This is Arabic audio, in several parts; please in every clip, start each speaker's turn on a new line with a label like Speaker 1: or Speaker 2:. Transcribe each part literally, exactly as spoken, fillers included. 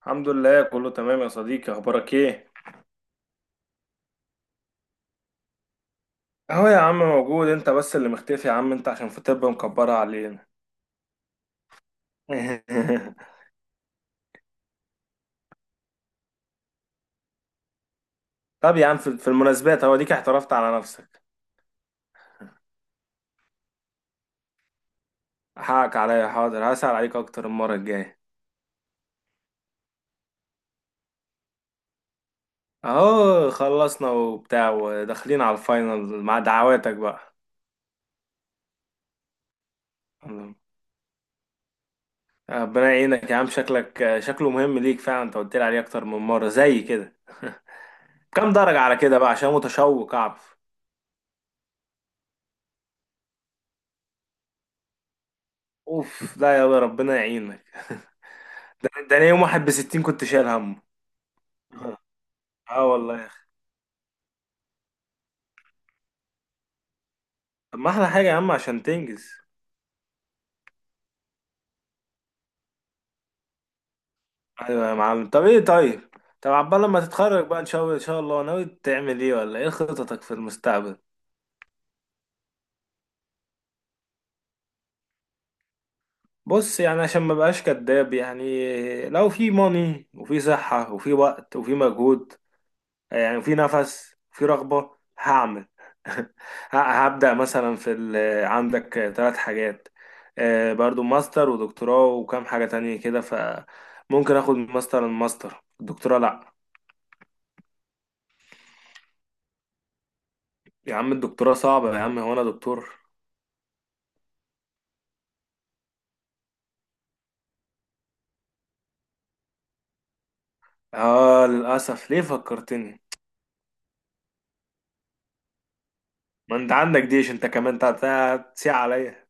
Speaker 1: الحمد لله، كله تمام يا صديقي. اخبارك ايه؟ اهو يا عم، موجود. انت بس اللي مختفي يا عم، انت عشان في طب مكبره علينا. طب يا عم، في في المناسبات، هو ديك اعترفت على نفسك. حقك عليا، حاضر، هسأل عليك اكتر المره الجايه. اهو خلصنا وبتاع، وداخلين على الفاينل مع دعواتك بقى. ربنا يعينك يا عم، شكلك شكله مهم ليك فعلا، انت قلت لي عليه اكتر من مره زي كده. كام درجه على كده بقى؟ عشان متشوق اعرف. اوف، لا، يا ربنا يعينك. ده, ده انا يوم واحد بستين كنت شايل همه. اه، اه والله يا اخي. طب ما احلى حاجه يا عم، عشان تنجز. ايوه يا معلم. طب ايه؟ طيب. طب عبال لما تتخرج بقى ان شاء الله، ان شاء الله ناوي تعمل ايه ولا ايه خططك في المستقبل؟ بص يعني، عشان ما بقاش كداب، يعني لو في موني وفي صحه وفي وقت وفي مجهود، يعني في نفس، في رغبة، هعمل. ه- هبدأ مثلا في ال... عندك ثلاث حاجات. آه، برضو ماستر ودكتوراه وكام حاجة تانية كده، فممكن اخد ماستر، الماستر، الدكتوراه لا. يا عم الدكتوراه صعبة يا عم، هو انا دكتور؟ اه، للأسف، ليه فكرتني. ما انت عندك جيش، انت كمان تع- تع- تسيع عليا.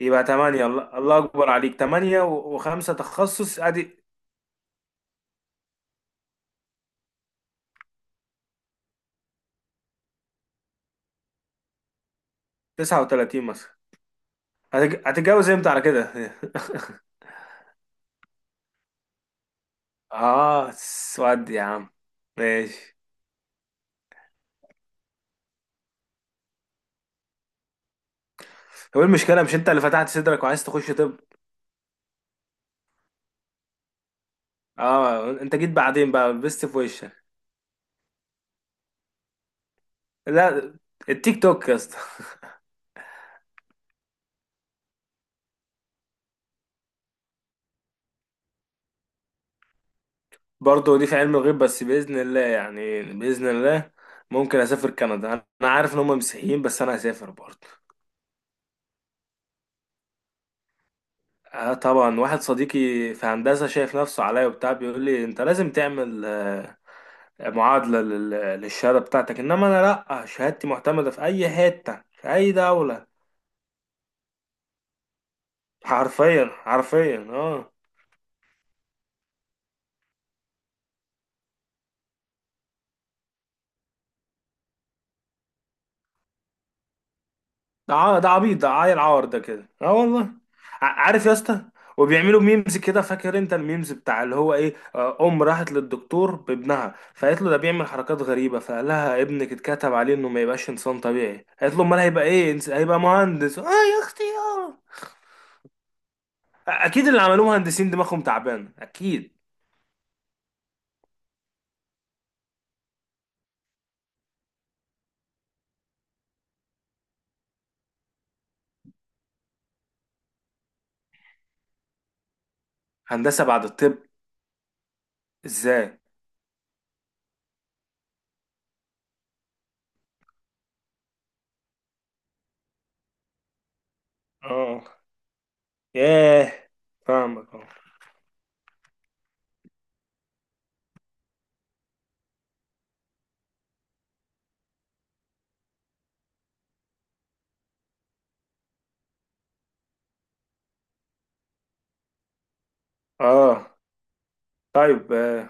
Speaker 1: يبقى تمانية، الله الله أكبر عليك. تمانية و- وخمسة تخصص ادي. تسعة وتلاتين مثلا. هتج- هتتجوز امتى على كده؟ اه، سواد يا عم. ماشي. هو إيه المشكلة؟ مش انت اللي فتحت صدرك وعايز تخش طب؟ اه، انت جيت بعدين بقى لبست في وشك. لا. التيك توك يا اسطى. برضه دي في علم الغيب، بس بإذن الله، يعني بإذن الله. ممكن أسافر كندا، أنا عارف إن هم مسيحيين، بس أنا هسافر برضه. آه، طبعا. واحد صديقي في هندسة شايف نفسه عليا وبتاع، بيقول لي أنت لازم تعمل آه، معادلة لل- للشهادة بتاعتك، إنما أنا لأ، شهادتي معتمدة في أي حتة في أي دولة. حرفيا حرفيا، اه. ده ع- ده عبيط، ده عيل عار ده كده، اه والله. ع- عارف يا اسطى؟ وبيعملوا ميمز كده. فاكر انت الميمز بتاع اللي هو ايه؟ آه، ام راحت للدكتور بابنها، فقالت له ده بيعمل حركات غريبه، فقال لها ابنك اتكتب عليه انه ما يبقاش انسان طبيعي. قالت له امال هيبقى ايه؟ انس- هيبقى مهندس. اه يا اختي، اه. اكيد اللي عملوه مهندسين دماغهم تعبان، اكيد. هندسه بعد الطب. ازاي؟ اه. ياه. فاهمك، اه. آه. طيب، آه.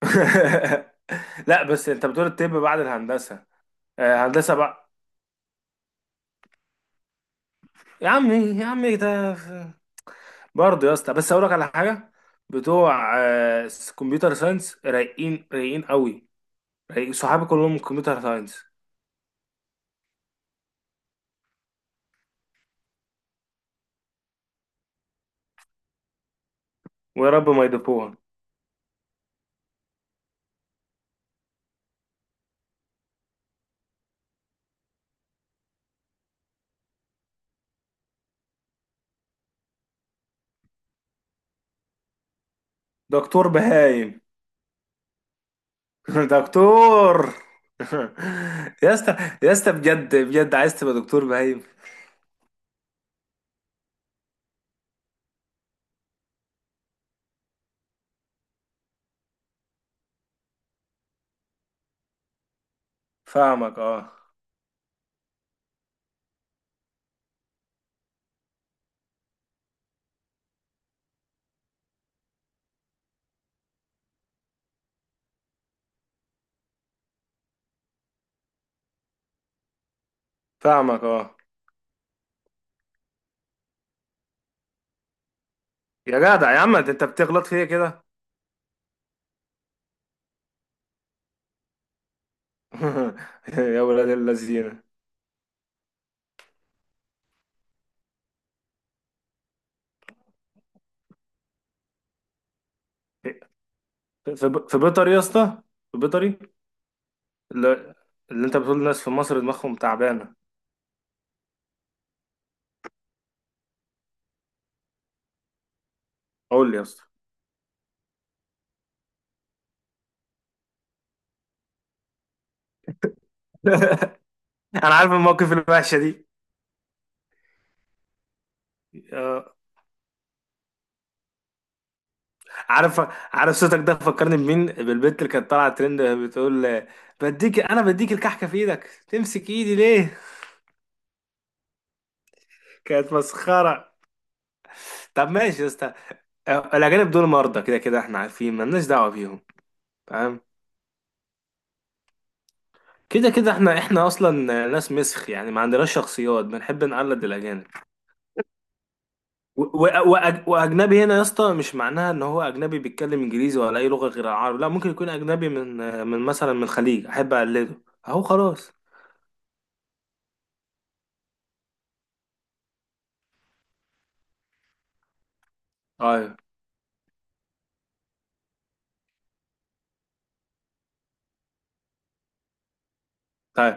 Speaker 1: لا، بس انت بتقول الطب بعد الهندسه؟ آه، هندسه بقى. يا عمي يا عمي، ده... برضه يا اسطى، بس اقول لك على حاجه. بتوع آه، كمبيوتر ساينس رايقين، رايقين قوي. رايقين، صحابي كلهم كمبيوتر ساينس. ويا رب ما يدبوها. دكتور بهايم. دكتور. يا اسطى، يا اسطى بجد بجد، عايز تبقى دكتور بهايم؟ فاهمك، اه. فاهمك، اه. يا جدع يا عم، انت بتغلط فيا كده. يا ولاد اللذين. في في في بيطري يا اسطى. في بيطري. اللي, اللي انت بتقول الناس في مصر دماغهم تعبانه. قول لي يا اسطى. انا عارف المواقف الوحشه دي. آه، عارف. عارف، صوتك ده فكرني بمين، بالبنت اللي كانت طالعه ترند بتقول آه، بديك، انا بديك الكحكه في ايدك، تمسك ايدي ليه؟ كانت مسخره. طب ماشي يا اسطى. آه، الاجانب دول مرضى، كده كده احنا عارفين مالناش دعوه بيهم. تمام. كده كده احنا احنا اصلا ناس مسخ، يعني ما عندناش شخصيات، بنحب نقلد الاجانب. و- و- وأج- واجنبي هنا يا اسطى مش معناها ان هو اجنبي بيتكلم انجليزي ولا اي لغه غير العربي. لا، ممكن يكون اجنبي من من مثلا من الخليج، احب اقلده. اهو خلاص. ايوه. طيب.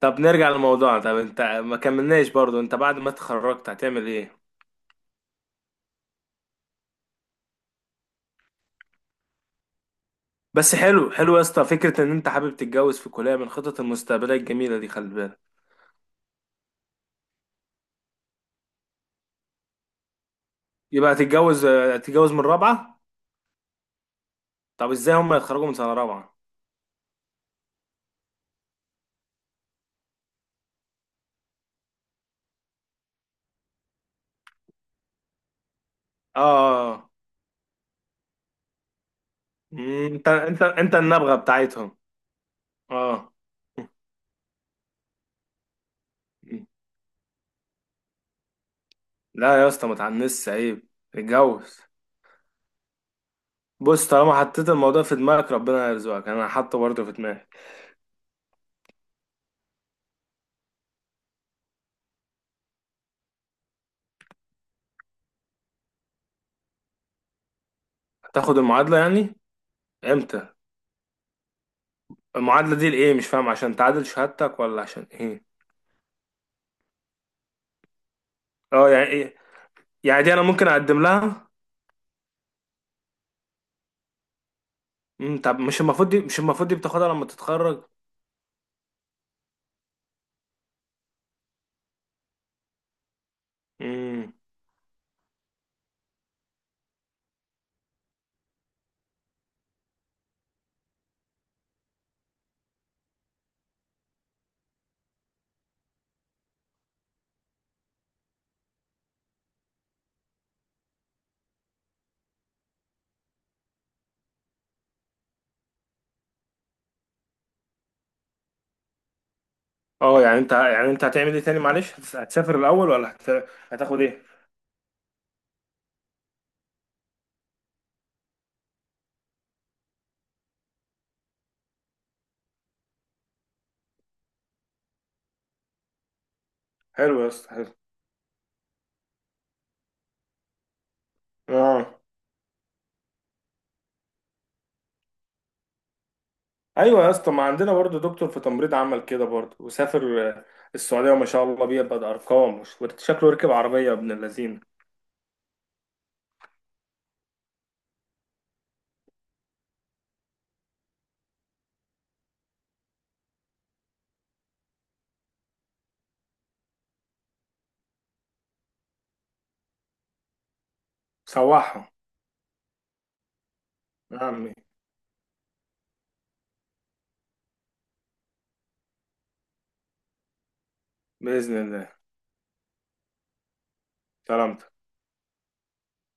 Speaker 1: طب نرجع لموضوعنا. طب انت ما كملناش برضو، انت بعد ما اتخرجت هتعمل ايه؟ بس حلو حلو يا اسطى، فكره ان انت حابب تتجوز في كليه من خطط المستقبليه الجميله دي، خلي بالك. يبقى هتتجوز هتتجوز من رابعه؟ طب ازاي هم يتخرجوا من سنه رابعه؟ اه، آه، آه. انت انت انت النبغه بتاعتهم. اه. لا يا اسطى، ما تعنسش عيب. اتجوز. بص، طالما حطيت الموضوع في دماغك، ربنا هيرزقك. انا حاطه برضه في دماغي. هتاخد المعادله يعني؟ امتى؟ المعادله دي لايه؟ مش فاهم، عشان تعادل شهادتك ولا عشان ايه؟ اه، يعني ايه؟ يعني دي انا ممكن اقدم لها؟ امم طب مش المفروض دي مش المفروض دي بتاخدها لما تتخرج؟ امم. اه، يعني انت يعني انت هتعمل ايه تاني؟ معلش، هتس- هتسافر الاول ولا هت... هتاخد ايه؟ حلو يا اسطى، حلو. اه. ايوه يا اسطى، ما عندنا برضه دكتور في تمريض عمل كده برضه وسافر آه، السعوديه، وما شاء الله بيقبض ارقام وش- شكله ركب عربيه ابن اللذين. سواحه. يا عمي. باذن الله. سلامتك.